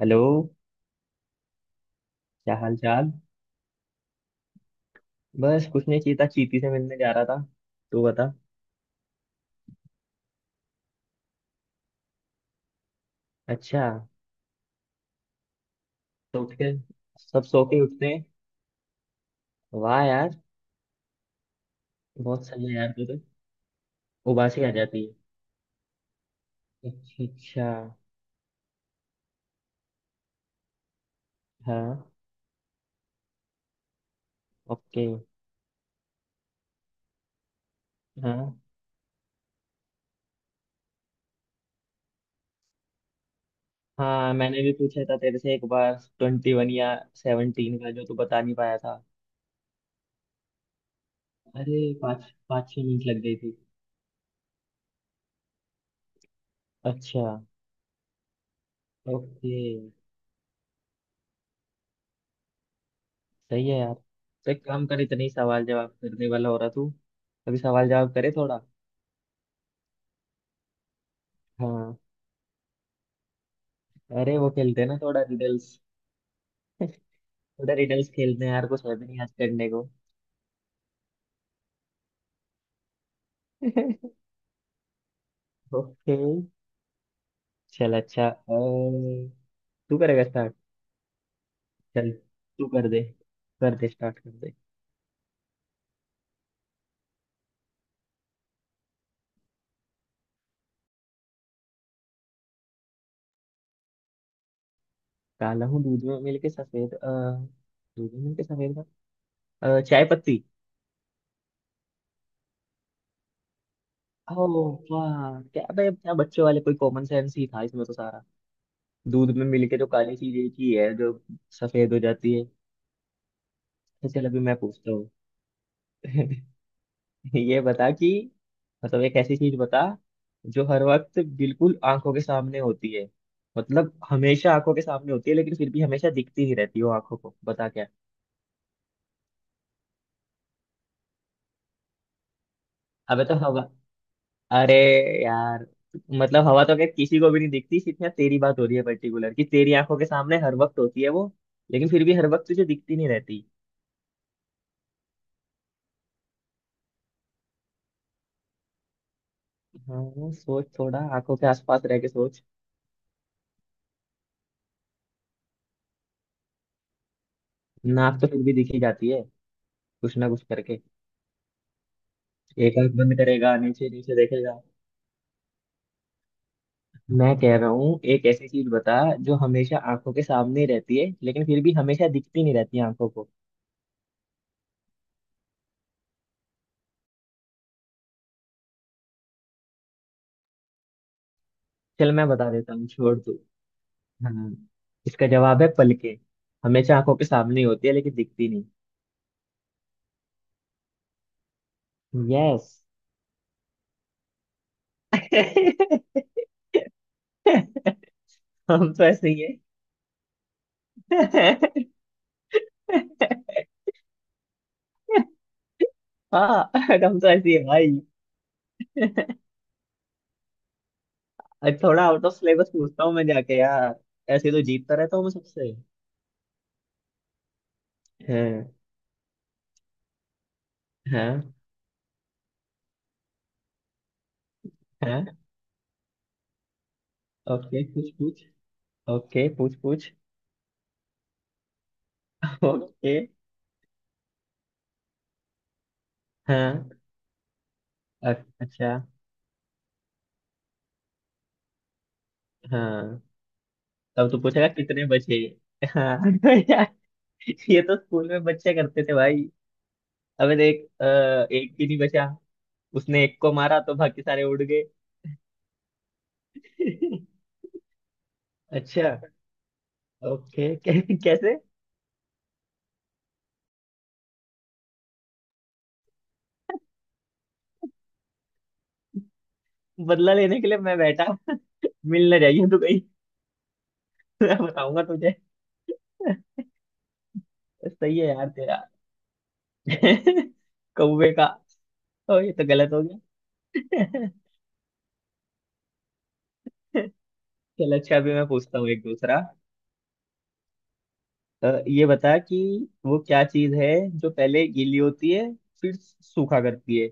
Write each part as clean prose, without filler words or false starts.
Hello. क्या हाल चाल। बस कुछ नहीं, चीता चीती से मिलने जा रहा था। तू बता। अच्छा। तो उठ के। सब सो के उठते हैं। वाह यार। बहुत सही है यार तू तो। उबासी आ जाती है। अच्छा अच्छा। हाँ। ओके। हाँ हाँ, मैंने भी पूछा था तेरे से एक बार, 21 या 17 का, जो तू बता नहीं पाया था। अरे। पाँच पाँच छः मिनट लग गई थी। अच्छा। ओके। सही है यार। तो एक काम कर, इतने ही सवाल जवाब करने वाला हो रहा तू। अभी सवाल जवाब करे थोड़ा। हाँ। अरे वो खेलते हैं ना थोड़ा रिडल्स। थोड़ा रिडल्स खेलते हैं यार, कुछ है भी नहीं आज करने को। ओके। चल अच्छा, तू करेगा स्टार्ट। चल तू कर दे। कर दे, स्टार्ट कर दे। काला हूँ दूध में मिलके सफेद, दूध में मिलके सफेद, चाय पत्ती। ओ। वाह क्या भाई, क्या बच्चों वाले, कोई कॉमन सेंस ही था इसमें तो सारा। दूध में मिलके जो काली चीज एक ही है जो सफेद हो जाती है। तो चल अभी मैं पूछता हूँ। ये बता कि। मतलब एक ऐसी चीज बता। जो हर वक्त बिल्कुल आंखों के सामने होती है। मतलब हमेशा आंखों के सामने होती है, लेकिन फिर भी हमेशा दिखती नहीं रहती वो आंखों को, बता क्या। अबे तो हवा। अरे। यार। मतलब हवा तो क्या किसी को भी नहीं दिखती, सिर्फ यहाँ तेरी बात हो रही है पर्टिकुलर कि तेरी आंखों के सामने हर वक्त होती है वो। लेकिन फिर भी हर वक्त तुझे दिखती नहीं रहती। हाँ, सोच थोड़ा आंखों के आसपास रह के सोच। नाक तो फिर भी दिखी जाती है। कुछ ना कुछ करके। एक आंख बंद करेगा, नीचे नीचे देखेगा। मैं कह रहा हूँ एक ऐसी चीज बता। जो हमेशा आंखों के सामने ही रहती है, लेकिन फिर भी हमेशा दिखती नहीं रहती आंखों को। चल मैं बता देता हूँ, छोड़ दो। हाँ। इसका जवाब है पलके। हमेशा आंखों के सामने ही होती है लेकिन दिखती नहीं। यस। हम तो ऐसे ही है। हाँ। हम तो ऐसे ही है भाई। आज थोड़ा आउट ऑफ सिलेबस पूछता हूँ मैं जाके यार। ऐसे तो जीतता रहता हूँ मैं सबसे। हाँ हाँ। हाँ। ओके पूछ पूछ। ओके पूछ पूछ। ओके। हाँ। अ- अच्छा। हाँ। तब तो पूछेगा कितने बचे। हाँ यार। ये तो स्कूल में बच्चे करते थे भाई। अबे देख, एक भी नहीं बचा। उसने एक को मारा तो बाकी सारे उड़ गए। अच्छा। ओके, कैसे। बदला लेने के लिए मैं बैठा। मिल ना जाइए तू कहीं। मैं बताऊंगा तुझे। सही है यार तेरा। कौवे का। ओ ये तो गलत हो गया। चल अच्छा, अभी मैं पूछता हूँ एक दूसरा। ये बता कि। वो क्या चीज है। जो पहले गीली होती है। फिर सूखा करती है।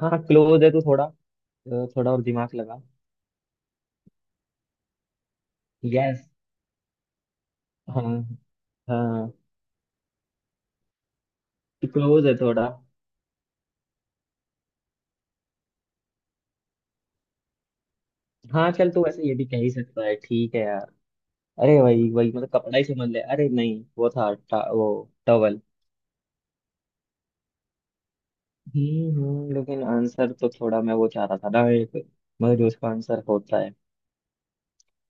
हाँ क्लोज है तो थोड़ा। थोड़ा और दिमाग लगा। यस। हाँ। हाँ। क्लोज है थोड़ा। हाँ चल, तो वैसे ये भी कह ही सकता है, ठीक है यार। अरे वही वही, मतलब कपड़ा ही समझ ले, अरे नहीं वो था, वो टवल। लेकिन आंसर तो थोड़ा मैं वो चाह रहा था ना एक। मगर जो उसका आंसर होता है।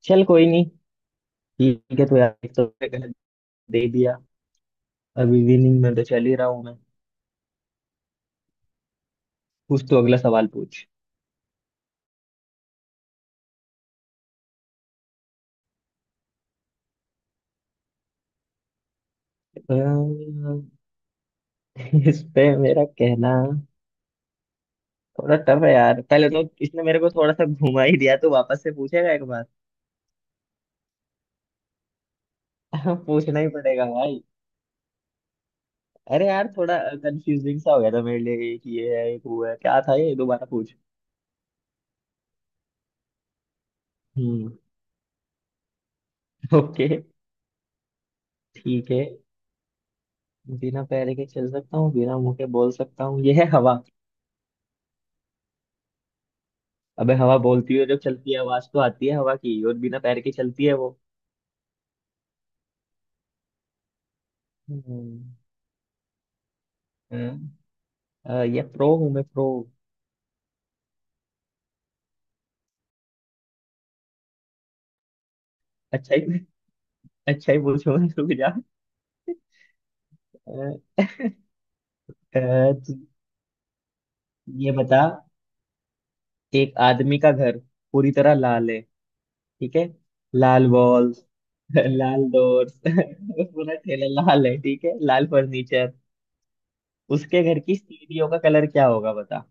चल कोई नहीं। ठीक है तो यार, एक तो मैंने गलत दे दिया। अभी विनिंग में तो चल ही रहा हूँ मैं। पूछ तो अगला सवाल पूछ। अम्म, इस पे मेरा कहना। थोड़ा टफ है यार, पहले तो इसने मेरे को थोड़ा सा घुमा ही दिया, तो वापस से पूछेगा एक बार। हाँ, पूछना ही पड़ेगा भाई। अरे यार थोड़ा। कंफ्यूजिंग सा हो गया था मेरे लिए, एक ये है एक वो है, क्या था ये दोबारा पूछ। हम्म। ओके। ठीक है। बिना पैर के चल सकता हूँ, बिना मुंह के बोल सकता हूँ, ये है हवा। अबे हवा बोलती है जब चलती है, आवाज तो आती है हवा की, और बिना पैर के चलती है वो। हम्म। हाँ, ये प्रो हूँ मैं प्रो। अच्छा ही। अच्छा ही पूछूंगा रुक जा। अ, अ, तू ये बता। एक आदमी का घर पूरी तरह लाल है, ठीक है। लाल वॉल्स। लाल डोर्स। पूरा ठेला लाल है, ठीक है, लाल फर्नीचर। उसके घर की सीढ़ियों का कलर क्या होगा बता।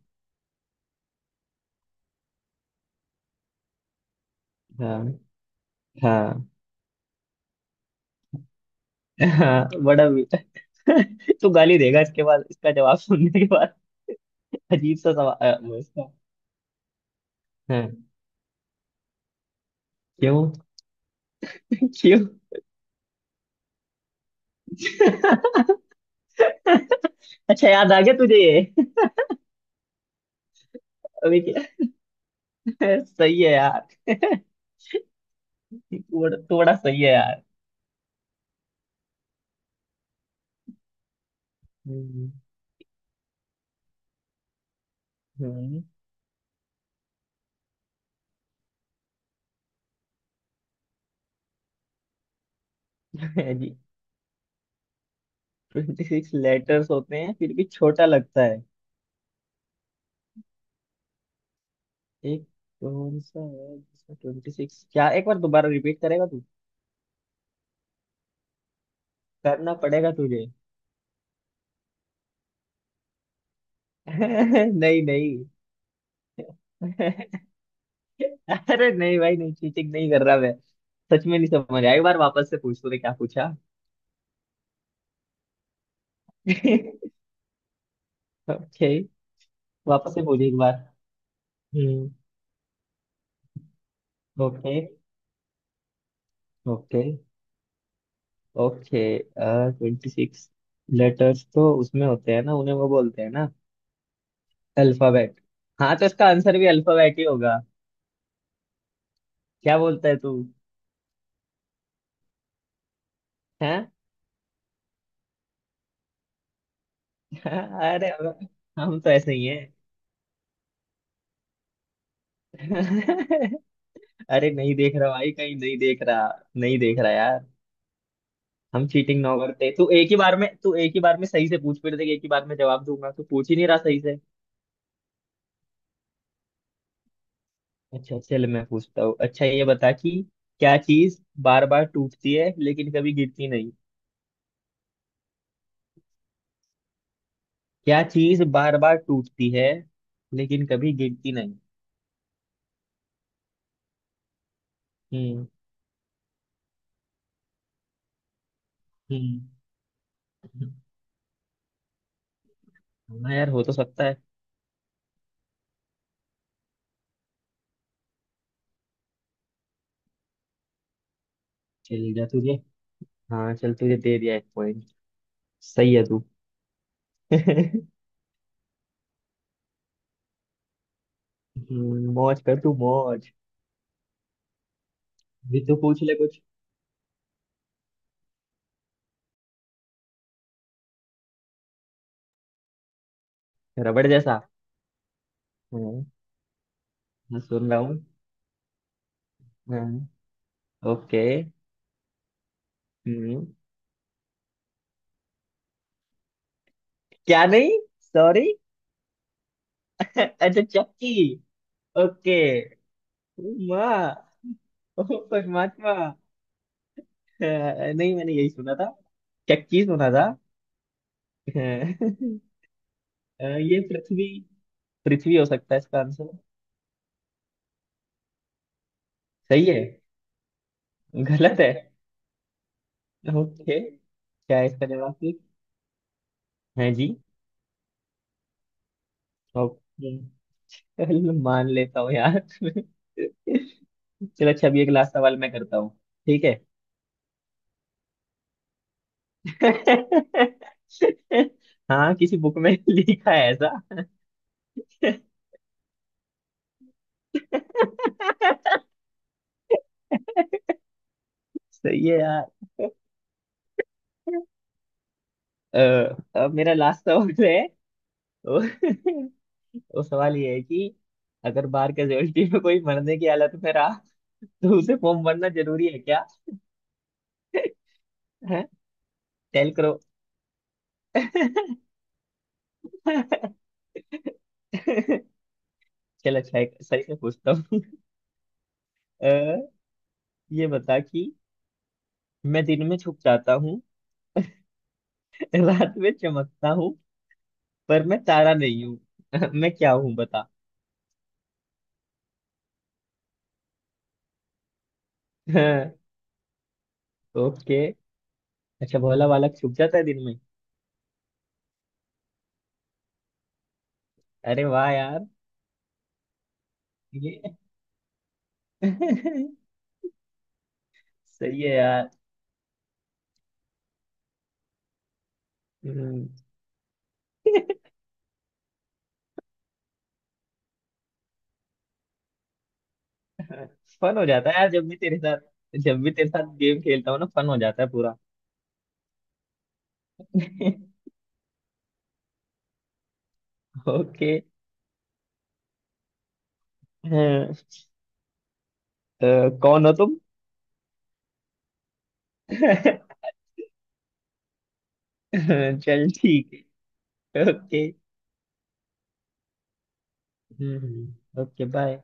हाँ हाँ। हाँ, तू गाली देगा इसके बाद, इसका जवाब सुनने के बाद। अजीब सा सवाल, वो इसका। हाँ। क्यों। क्यों। अच्छा, याद आ गया तुझे ये। अभी क्या- सही है यार। थोड़ा थोड़ा सही है यार। हम्म हम्म। जी। 26 लेटर्स होते हैं फिर भी छोटा लगता है। एक। कौन सा है जिसमें 26, क्या एक बार दोबारा रिपीट करेगा तू। करना पड़ेगा तुझे। नहीं नहीं। अरे नहीं भाई, नहीं चीटिंग नहीं कर रहा मैं। सच में नहीं समझ आया, एक बार वापस से पूछ तूने क्या पूछा। ओके। वापस से पूछ एक बार। हम्म। ओके। ओके। ओके, 26 लेटर्स तो उसमें होते हैं ना, उन्हें वो बोलते हैं ना। अल्फाबेट। हाँ तो इसका आंसर भी अल्फाबेट ही होगा। क्या बोलता है तू। हैं। अरे हम। हम तो ऐसे ही हैं। अरे नहीं देख रहा भाई, कहीं नहीं देख रहा। नहीं देख रहा यार। हम चीटिंग ना करते, तू एक ही बार में तू एक ही बार में सही से पूछ, फिर देख एक ही बार में जवाब दूंगा, तू पूछ ही नहीं रहा सही से। अच्छा चल मैं पूछता हूँ, अच्छा ये बता कि। क्या चीज बार बार टूटती है लेकिन कभी गिरती नहीं। क्या चीज बार बार टूटती है लेकिन कभी गिरती नहीं। हम्म। हम्म। हाँ यार, हो तो सकता है। चल जा तुझे। हाँ चल, तुझे दे दिया एक पॉइंट। सही है तू। हम्म। मौज कर तू मौज। भी तू पूछ ले कुछ। रबड़ जैसा। हम्म। मैं सुन रहा हूँ। हम्म। ओके। हम्म। क्या नहीं, सॉरी। अच्छा चक्की। ओके। माँ। ओ। परमात्मा। नहीं मैंने यही सुना था। चक्की सुना था। हैं। ये पृथ्वी। पृथ्वी हो सकता है इसका आंसर। सही है। गलत है। ओके, क्या है इसका जवाब फिर? हाँ जी। ओके। चल मान लेता हूँ यार। चलो अच्छा, अभी एक लास्ट सवाल मैं करता हूँ। ठीक है। हाँ, किसी बुक में लिखा है ऐसा। सही है यार। अ, अब मेरा लास्ट सवाल जो है। वो, वो सवाल ये है कि। अगर बार कैजुअलिटी में कोई मरने की हालत में रहा। तो उसे फॉर्म भरना जरूरी है। है। टेल करो। चल अच्छा है, सही से पूछता हूँ। अ, ये बता कि। मैं दिन में छुप जाता हूँ। रात में चमकता हूँ। पर मैं तारा नहीं हूँ। मैं क्या हूँ बता। ओके। अच्छा, भोला वाला छुप जाता है दिन में। अरे वाह यार। ये। सही है यार। फन हो जाता है यार जब भी तेरे साथ। जब भी तेरे साथ गेम खेलता हूँ ना, फन हो जाता है पूरा। ओके। हाँ, कौन हो तुम। चल ठीक है। ओके। Hmm, okay bye.